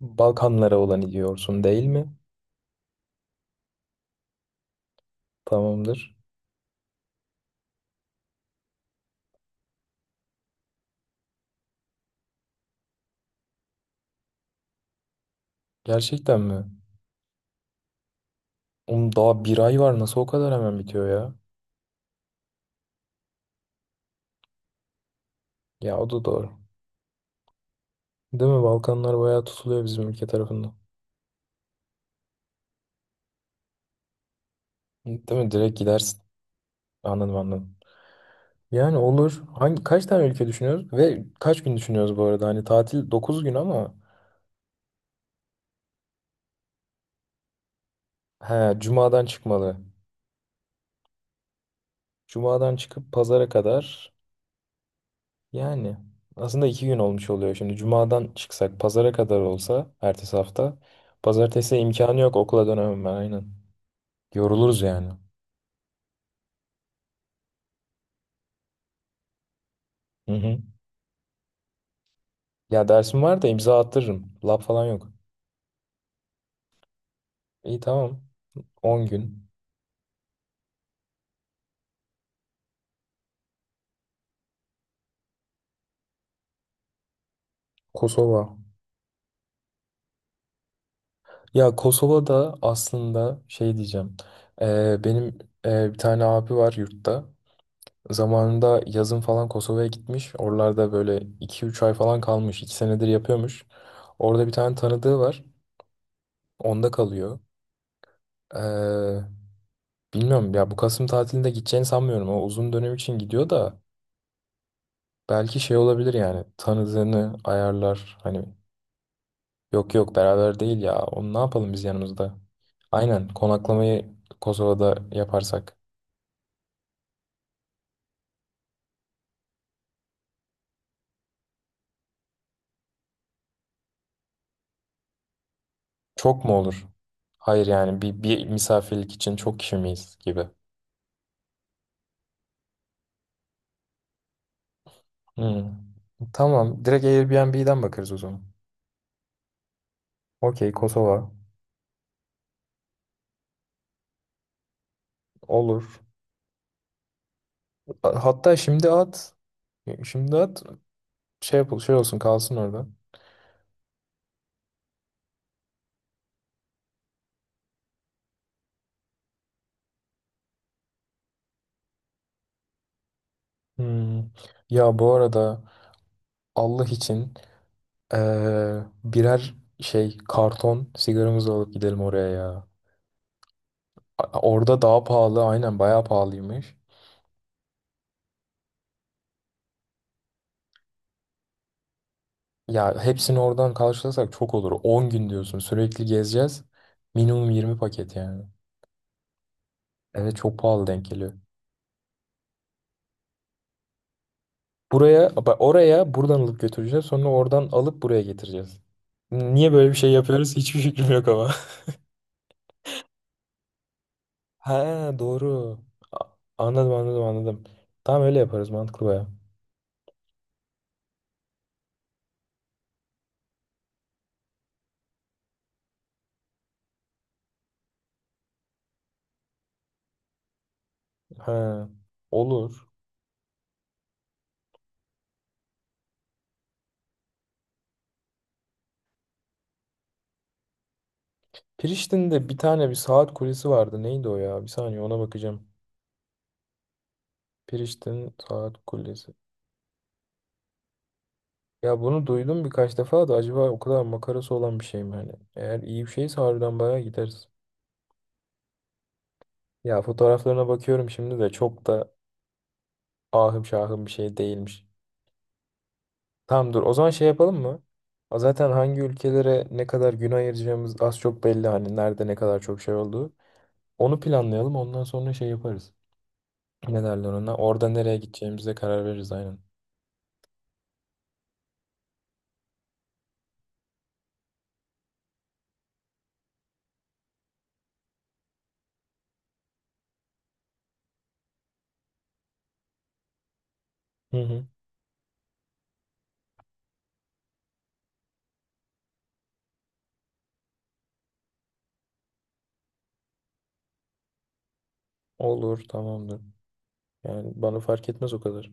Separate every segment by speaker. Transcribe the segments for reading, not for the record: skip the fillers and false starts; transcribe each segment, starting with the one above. Speaker 1: Balkanlara olan gidiyorsun değil mi? Tamamdır. Gerçekten mi? Oğlum daha bir ay var, nasıl o kadar hemen bitiyor ya? Ya o da doğru. Değil mi? Balkanlar bayağı tutuluyor bizim ülke tarafından. Değil mi? Direkt gidersin. Anladım anladım. Yani olur. Hangi, kaç tane ülke düşünüyoruz? Ve kaç gün düşünüyoruz bu arada? Hani tatil 9 gün ama he, Cuma'dan çıkmalı. Cuma'dan çıkıp pazara kadar. Yani aslında 2 gün olmuş oluyor. Şimdi cumadan çıksak pazara kadar olsa ertesi hafta. Pazartesi imkanı yok, okula dönemem ben, aynen. Yoruluruz yani. Hı hı. Ya dersim var da imza attırırım. Lab falan yok. İyi, tamam. 10 gün. Kosova. Ya Kosova'da aslında şey diyeceğim. Benim bir tane abi var yurtta. Zamanında yazın falan Kosova'ya gitmiş. Oralarda böyle 2-3 ay falan kalmış. 2 senedir yapıyormuş. Orada bir tane tanıdığı var. Onda kalıyor. Ee, bilmiyorum ya, bu Kasım tatilinde gideceğini sanmıyorum. O uzun dönem için gidiyor da belki şey olabilir, yani tanıdığını ayarlar. Hani, yok yok, beraber değil ya. Onu ne yapalım biz yanımızda? Aynen, konaklamayı Kosova'da yaparsak. Çok mu olur? Hayır, yani bir misafirlik için çok kişi miyiz gibi. Hmm. Tamam, direkt Airbnb'den bakarız o zaman. Okey, Kosova. Olur. Hatta şimdi at. Şimdi at. Şey yapıl, şey olsun, kalsın orada. Hmm. Ya bu arada, Allah için, birer şey karton sigaramızı alıp gidelim oraya ya. Orada daha pahalı, aynen, bayağı pahalıymış. Ya hepsini oradan karşılasak çok olur. 10 gün diyorsun, sürekli gezeceğiz. Minimum 20 paket yani. Evet, çok pahalı denk geliyor. Buraya oraya buradan alıp götüreceğiz, sonra oradan alıp buraya getireceğiz. Niye böyle bir şey yapıyoruz hiçbir fikrim yok ama. Ha, doğru. A- Anladım anladım anladım. Tamam, öyle yaparız, mantıklı baya. Ha, olur. Priştine'de bir tane bir saat kulesi vardı. Neydi o ya? Bir saniye, ona bakacağım. Priştine saat kulesi. Ya bunu duydum birkaç defa da, acaba o kadar makarası olan bir şey mi hani? Eğer iyi bir şeyse harbiden bayağı gideriz. Ya fotoğraflarına bakıyorum şimdi de, çok da ahım şahım bir şey değilmiş. Tamam dur. O zaman şey yapalım mı? A, zaten hangi ülkelere ne kadar gün ayıracağımız az çok belli, hani nerede ne kadar çok şey olduğu. Onu planlayalım. Ondan sonra şey yaparız. Ne derler ona? Orada nereye gideceğimize karar veririz, aynen. Hı hı. Olur, tamamdır. Yani bana fark etmez o kadar.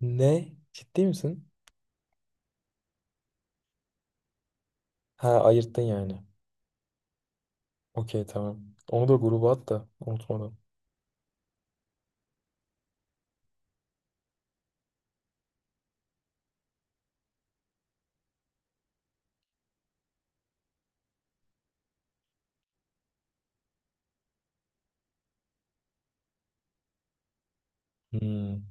Speaker 1: Ne? Ciddi misin? Ha, ayırttın yani. Okey, tamam. Onu da gruba at da, unutmadan. Hmm,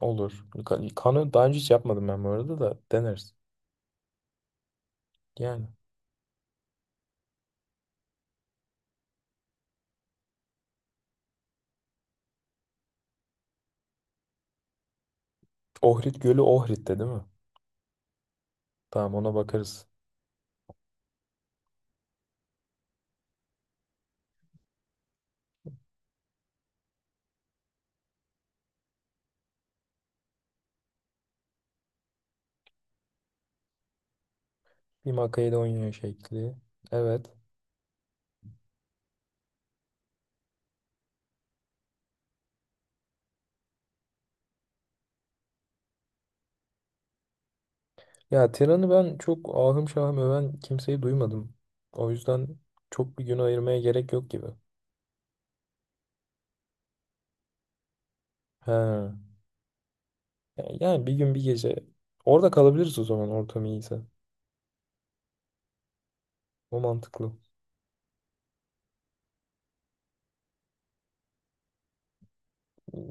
Speaker 1: olur. Kanı daha önce hiç yapmadım ben, bu arada da deneriz. Yani. Ohrid Gölü Ohrid'de değil mi? Tamam, ona bakarız. Bir Makedonya şekli. Evet. Ya Tiran'ı ben çok ahım şahım öven kimseyi duymadım. O yüzden çok bir gün ayırmaya gerek yok gibi. He. Yani bir gün bir gece. Orada kalabiliriz o zaman, ortam iyiyse. O mantıklı.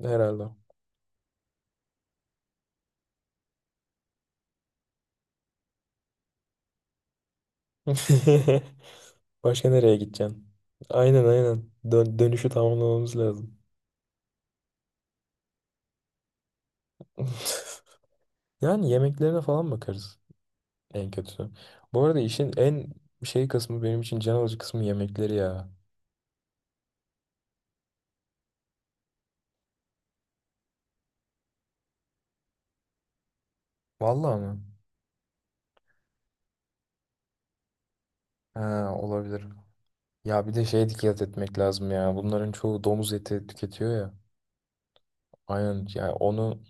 Speaker 1: Herhalde. Başka nereye gideceksin? Aynen aynen. Dönüşü tamamlamamız lazım. Yani yemeklerine falan bakarız. En kötüsü. Bu arada işin en şey kısmı, benim için can alıcı kısmı yemekleri ya. Vallahi mi? Ha, olabilir. Ya bir de şeye dikkat etmek lazım ya. Bunların çoğu domuz eti tüketiyor ya. Aynen ya, onu.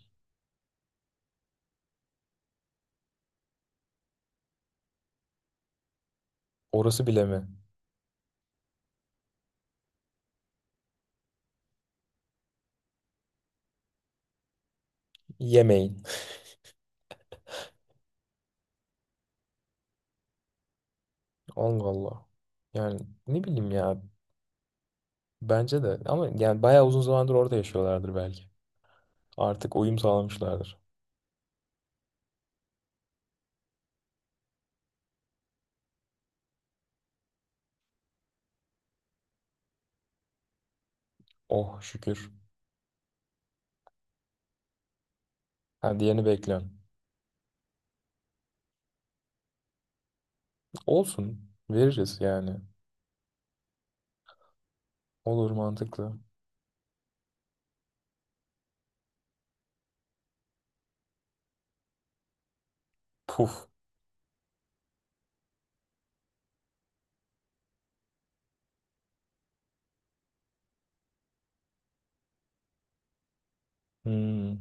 Speaker 1: Orası bile mi? Yemeyin. Allah Allah. Yani, ne bileyim ya. Bence de, ama yani bayağı uzun zamandır orada yaşıyorlardır belki. Artık uyum sağlamışlardır. Oh şükür. Ha, diğerini bekliyorum. Olsun. Veririz yani. Olur, mantıklı. Puf. Hmm.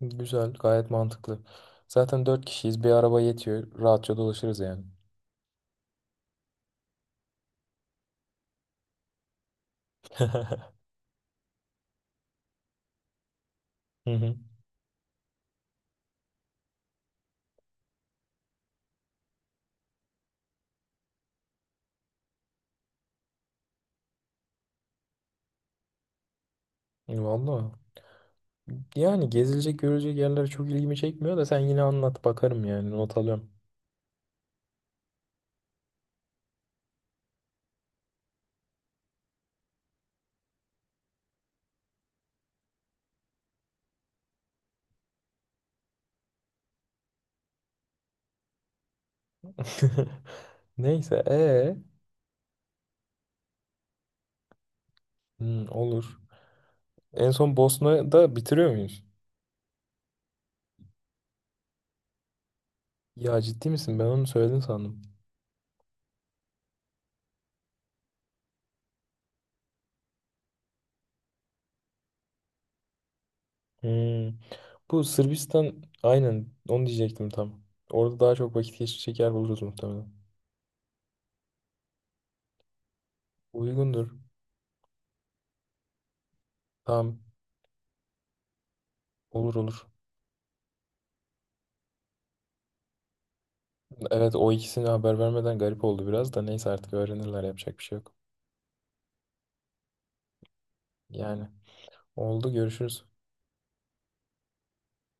Speaker 1: Güzel. Gayet mantıklı. Zaten 4 kişiyiz. Bir araba yetiyor. Rahatça dolaşırız yani. Hı hı. Vallahi. Yani gezilecek görecek yerler çok ilgimi çekmiyor da sen yine anlat, bakarım yani, not alıyorum. Neyse. Hmm, olur. En son Bosna'da bitiriyor muyuz? Ya ciddi misin? Ben onu söyledin sandım. Hmm. Bu Sırbistan, aynen onu diyecektim tam. Orada daha çok vakit geçirecek yer buluruz muhtemelen. Uygundur. Tamam. Olur olur. Evet, o ikisini haber vermeden garip oldu biraz da, neyse artık öğrenirler, yapacak bir şey yok. Yani, oldu görüşürüz.